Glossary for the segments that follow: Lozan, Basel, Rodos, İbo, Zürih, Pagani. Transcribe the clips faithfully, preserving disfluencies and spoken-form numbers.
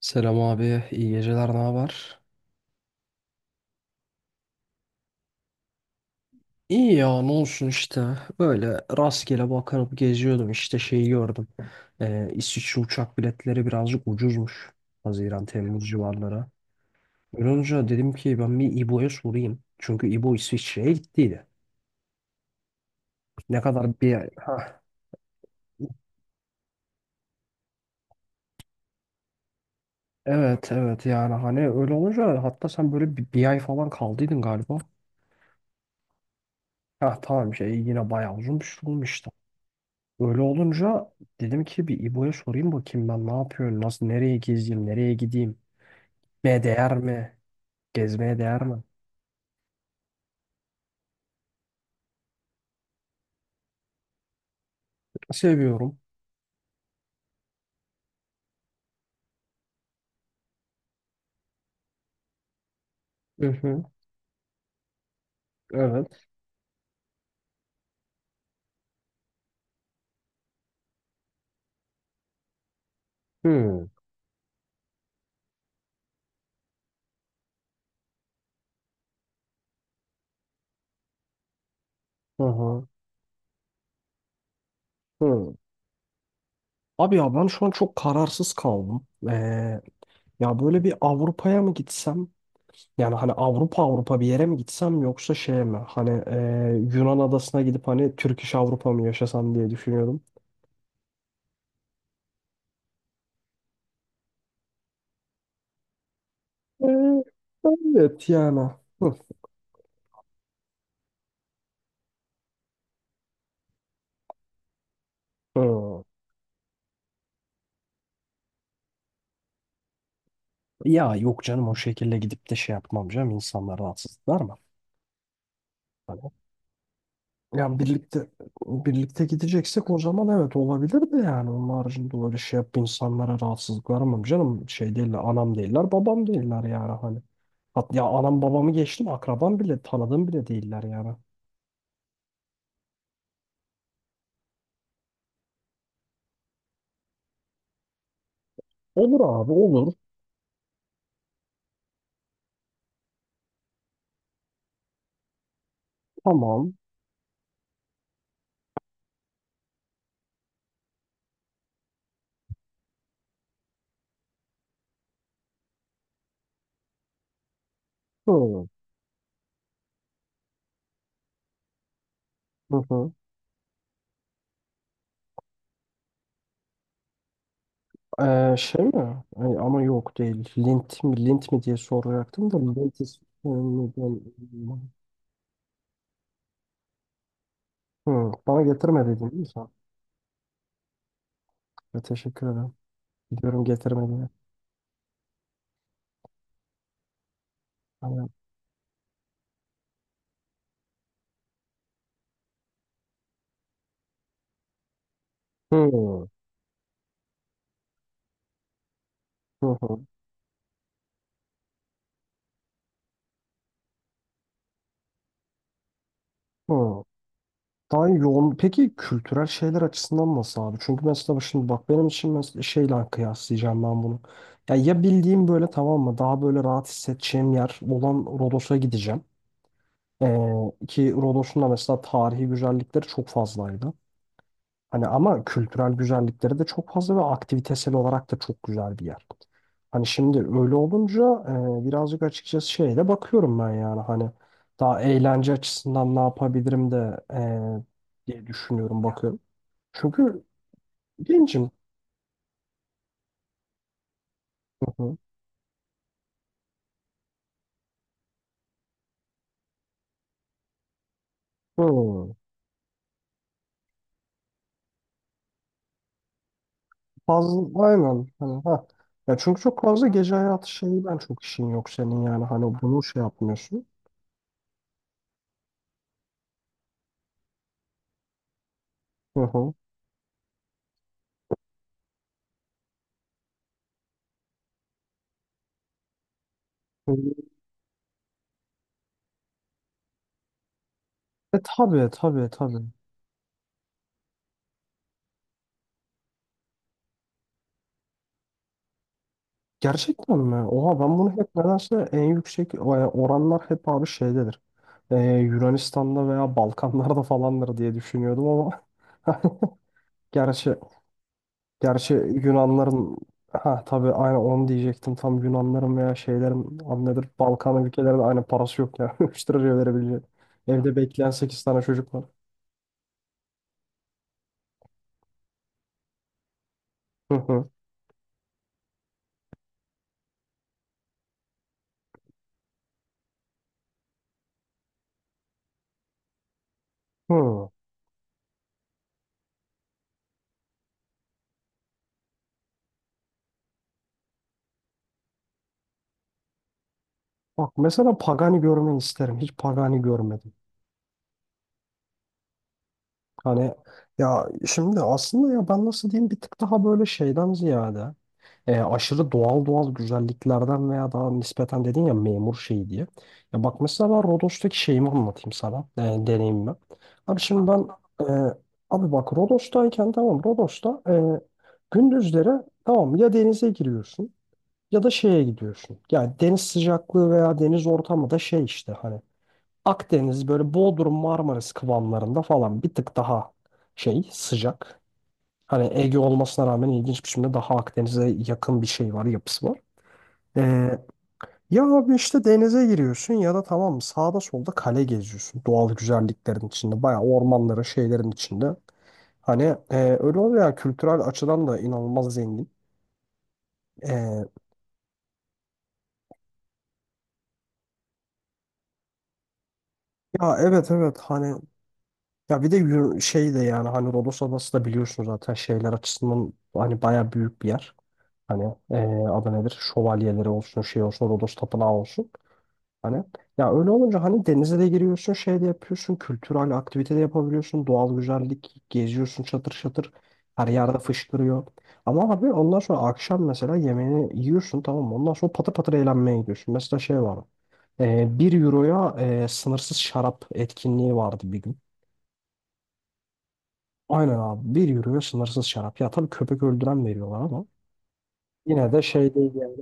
Selam abi, iyi geceler, ne haber? İyi ya, ne olsun işte. Böyle rastgele bakınıp geziyordum işte şeyi gördüm. Ee, İsviçre uçak biletleri birazcık ucuzmuş. Haziran, Temmuz civarları. Öyle olunca dedim ki ben bir İbo'ya sorayım. Çünkü İbo İsviçre'ye gittiydi. Ne kadar bir ay... Hah. Evet evet, yani hani öyle olunca hatta sen böyle bir, bir ay falan kaldıydın galiba. Ha tamam, şey yine bayağı uzun bir şey olmuş işte. Öyle olunca dedim ki bir İbo'ya sorayım bakayım ben ne yapıyorum, nasıl, nereye gezeyim, nereye gideyim, ne değer mi, gezmeye değer mi? Seviyorum. Hı hı, evet. Hı hı hı. Hı. Abi ya ben şu an çok kararsız kaldım. Ee, ya böyle bir Avrupa'ya mı gitsem? Yani hani Avrupa Avrupa bir yere mi gitsem yoksa şeye mi? Hani e, Yunan adasına gidip hani Türk iş Avrupa mı yaşasam diye düşünüyordum. Ee, evet yani. Hı. Hı. Ya yok canım, o şekilde gidip de şey yapmam canım, insanlar rahatsız eder mi? Hani, ya birlikte, birlikte gideceksek o zaman evet olabilir de yani onun haricinde öyle şey yap, insanlara rahatsızlık vermem canım, şey değiller, anam değiller, babam değiller yani hani. Hat, ya anam babamı geçtim akrabam bile, tanıdığım bile değiller yani. Olur abi, olur tamam. Hı. Hı hı. Ee, şey mi? Ay, ama yok değil. Lint mi, lint mi diye soracaktım da lint is- Hı, bana getirme dedin değil mi? Ya teşekkür ederim. Gidiyorum getirmediğine. Aynen. Hı, hı, hı, hı. Daha yoğun. Peki kültürel şeyler açısından nasıl abi? Çünkü mesela şimdi bak benim için mesela şeyle kıyaslayacağım ben bunu. Ya, ya bildiğim böyle, tamam mı? Daha böyle rahat hissedeceğim yer olan Rodos'a gideceğim. Ee, Ki Rodos'un da mesela tarihi güzellikleri çok fazlaydı. Hani ama kültürel güzellikleri de çok fazla ve aktivitesel olarak da çok güzel bir yer. Hani şimdi öyle olunca e, birazcık açıkçası şeye de bakıyorum ben, yani hani daha eğlence açısından ne yapabilirim de e, diye düşünüyorum, bakıyorum. Çünkü gencim. Hı hı. Hı. Fazla aynen hani, ha. Ya çünkü çok fazla gece hayatı şeyi ben çok işin yok senin yani hani bunu şey yapmıyorsun. Hı hı. Hı. E tabii tabii tabii. Gerçekten mi? Oha, ben bunu hep nedense en yüksek e, oranlar hep abi şeydedir. Ee, Yunanistan'da veya Balkanlarda falandır diye düşünüyordum ama gerçi, gerçi Yunanların, ha tabii aynı onu diyecektim, tam Yunanların veya şeylerin adı nedir, Balkan ülkelerinde aynı parası yok ya üç liraya verebilecek. Evde bekleyen sekiz tane çocuk var. Hı hı. Hı. Bak mesela Pagani görmeyi isterim. Hiç Pagani görmedim. Hani ya şimdi aslında ya ben nasıl diyeyim, bir tık daha böyle şeyden ziyade e, aşırı doğal, doğal güzelliklerden veya daha nispeten dedin ya memur şeyi diye. Ya bak mesela ben Rodos'taki şeyimi anlatayım sana. E, deneyimimi. Abi şimdi ben e, abi bak Rodos'tayken, tamam Rodos'ta, e, gündüzleri tamam ya denize giriyorsun ya da şeye gidiyorsun. Yani deniz sıcaklığı veya deniz ortamı da şey işte hani Akdeniz böyle Bodrum Marmaris kıvamlarında falan bir tık daha şey sıcak. Hani Ege olmasına rağmen ilginç bir biçimde daha Akdeniz'e yakın bir şey var, yapısı var. Ee, Ya abi işte denize giriyorsun ya da tamam sağda solda kale geziyorsun. Doğal güzelliklerin içinde, bayağı ormanların, şeylerin içinde. Hani e, öyle oluyor ya, kültürel açıdan da inanılmaz zengin. Ee, Ya evet evet hani, ya bir de yürü- şey de yani hani Rodos Adası da biliyorsun zaten şeyler açısından hani bayağı büyük bir yer. Hani e, adı nedir? Şövalyeleri olsun, şey olsun, Rodos Tapınağı olsun. Hani ya öyle olunca hani denize de giriyorsun, şey de yapıyorsun, kültürel aktivite de yapabiliyorsun, doğal güzellik, geziyorsun çatır çatır, her yerde fışkırıyor. Ama abi ondan sonra akşam mesela yemeğini yiyorsun, tamam mı? Ondan sonra patır patır eğlenmeye gidiyorsun. Mesela şey var, e, bir euroya e, sınırsız şarap etkinliği vardı bir gün. Aynen abi, bir euroya sınırsız şarap. Ya tabii köpek öldüren veriyorlar ama yine de şey değil yani.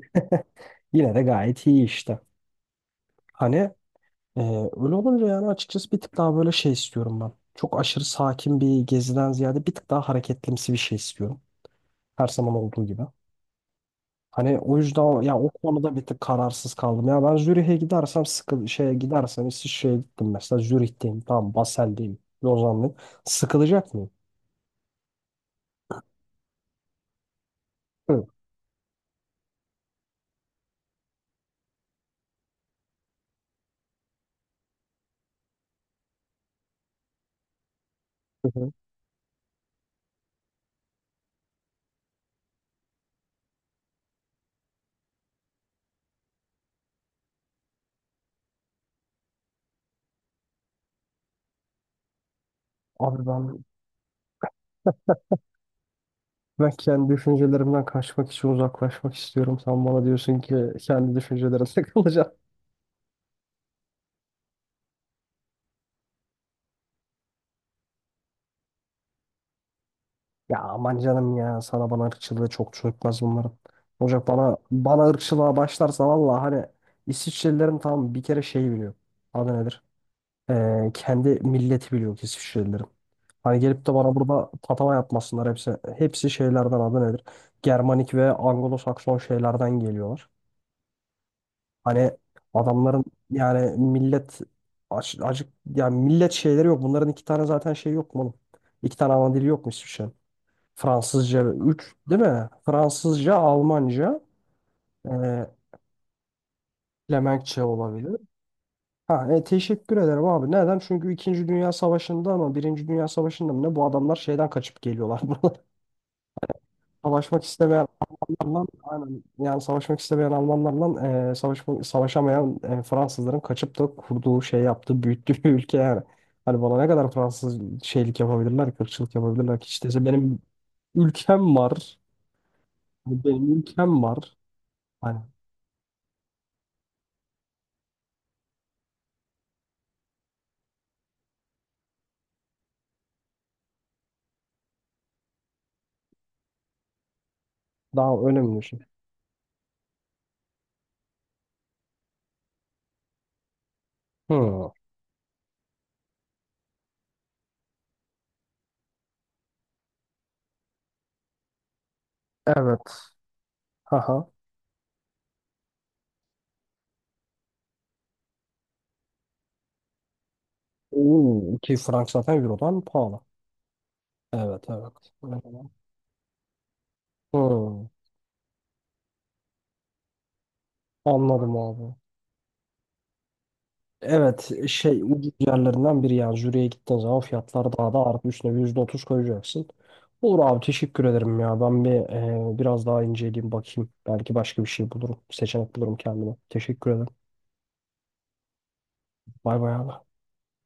Yine de gayet iyi işte. Hani. Ee, Öyle olunca yani açıkçası bir tık daha böyle şey istiyorum ben. Çok aşırı sakin bir geziden ziyade bir tık daha hareketlimsi bir şey istiyorum. Her zaman olduğu gibi. Hani o yüzden o- ya o konuda bir tık kararsız kaldım. Ya ben Zürih'e gidersem, sıkı şeye gidersem, İsviçre'ye gittim mesela, Zürih'teyim, tamam Basel'deyim, Lozan'dayım. Sıkılacak mıyım? Hı hı. Hı. Abi ben ben kendi düşüncelerimden kaçmak için uzaklaşmak istiyorum. Sen bana diyorsun ki kendi düşüncelerine takılacağım. Ya aman canım, ya sana bana ırkçılığı çok çökmez bunların. Olacak, bana bana ırkçılığa başlarsa valla hani İsviçrelilerin tam bir kere şeyi biliyor. Adı nedir? Ee, kendi milleti biliyor ki İsviçrelilerin. Hani gelip de bana burada tatava yapmasınlar hepsi. Hepsi şeylerden, adı nedir? Germanik ve Anglo-Sakson şeylerden geliyorlar. Hani adamların yani millet aç- acık, yani millet şeyleri yok. Bunların iki tane zaten şey yok mu oğlum? İki tane ana dili yok mu İsviçre'nin? Fransızca üç değil mi? Fransızca, Almanca, e, Flemenkçe olabilir. Ha, e, teşekkür ederim abi. Neden? Çünkü İkinci Dünya Savaşı'nda mı, Birinci Dünya Savaşı'nda mı, ne, bu adamlar şeyden kaçıp geliyorlar. Bunlar savaşmak istemeyen Almanlarla, aynen, yani savaşmak istemeyen Almanlarla e, savaşma- savaşamayan e, Fransızların kaçıp da kurduğu, şey yaptığı, büyüttüğü bir ülke yani. Hani bana ne kadar Fransız şeylik yapabilirler, kırkçılık yapabilirler ki, işte benim ülkem var, benim ülkem var. Hani. Daha önemli şey. Hmm. Evet. Haha. Hmm. Ki frank zaten Euro'dan pahalı. Evet evet. Öyle. Hmm. Anladım abi. Evet, şey ucuz yerlerinden biri, yani jüriye gittiğin zaman fiyatlar daha da artı üstüne yüzde otuz koyacaksın. Olur abi, teşekkür ederim ya. Ben bir e, biraz daha inceleyeyim bakayım. Belki başka bir şey bulurum. Seçenek bulurum kendime. Teşekkür ederim. Bay bay abi.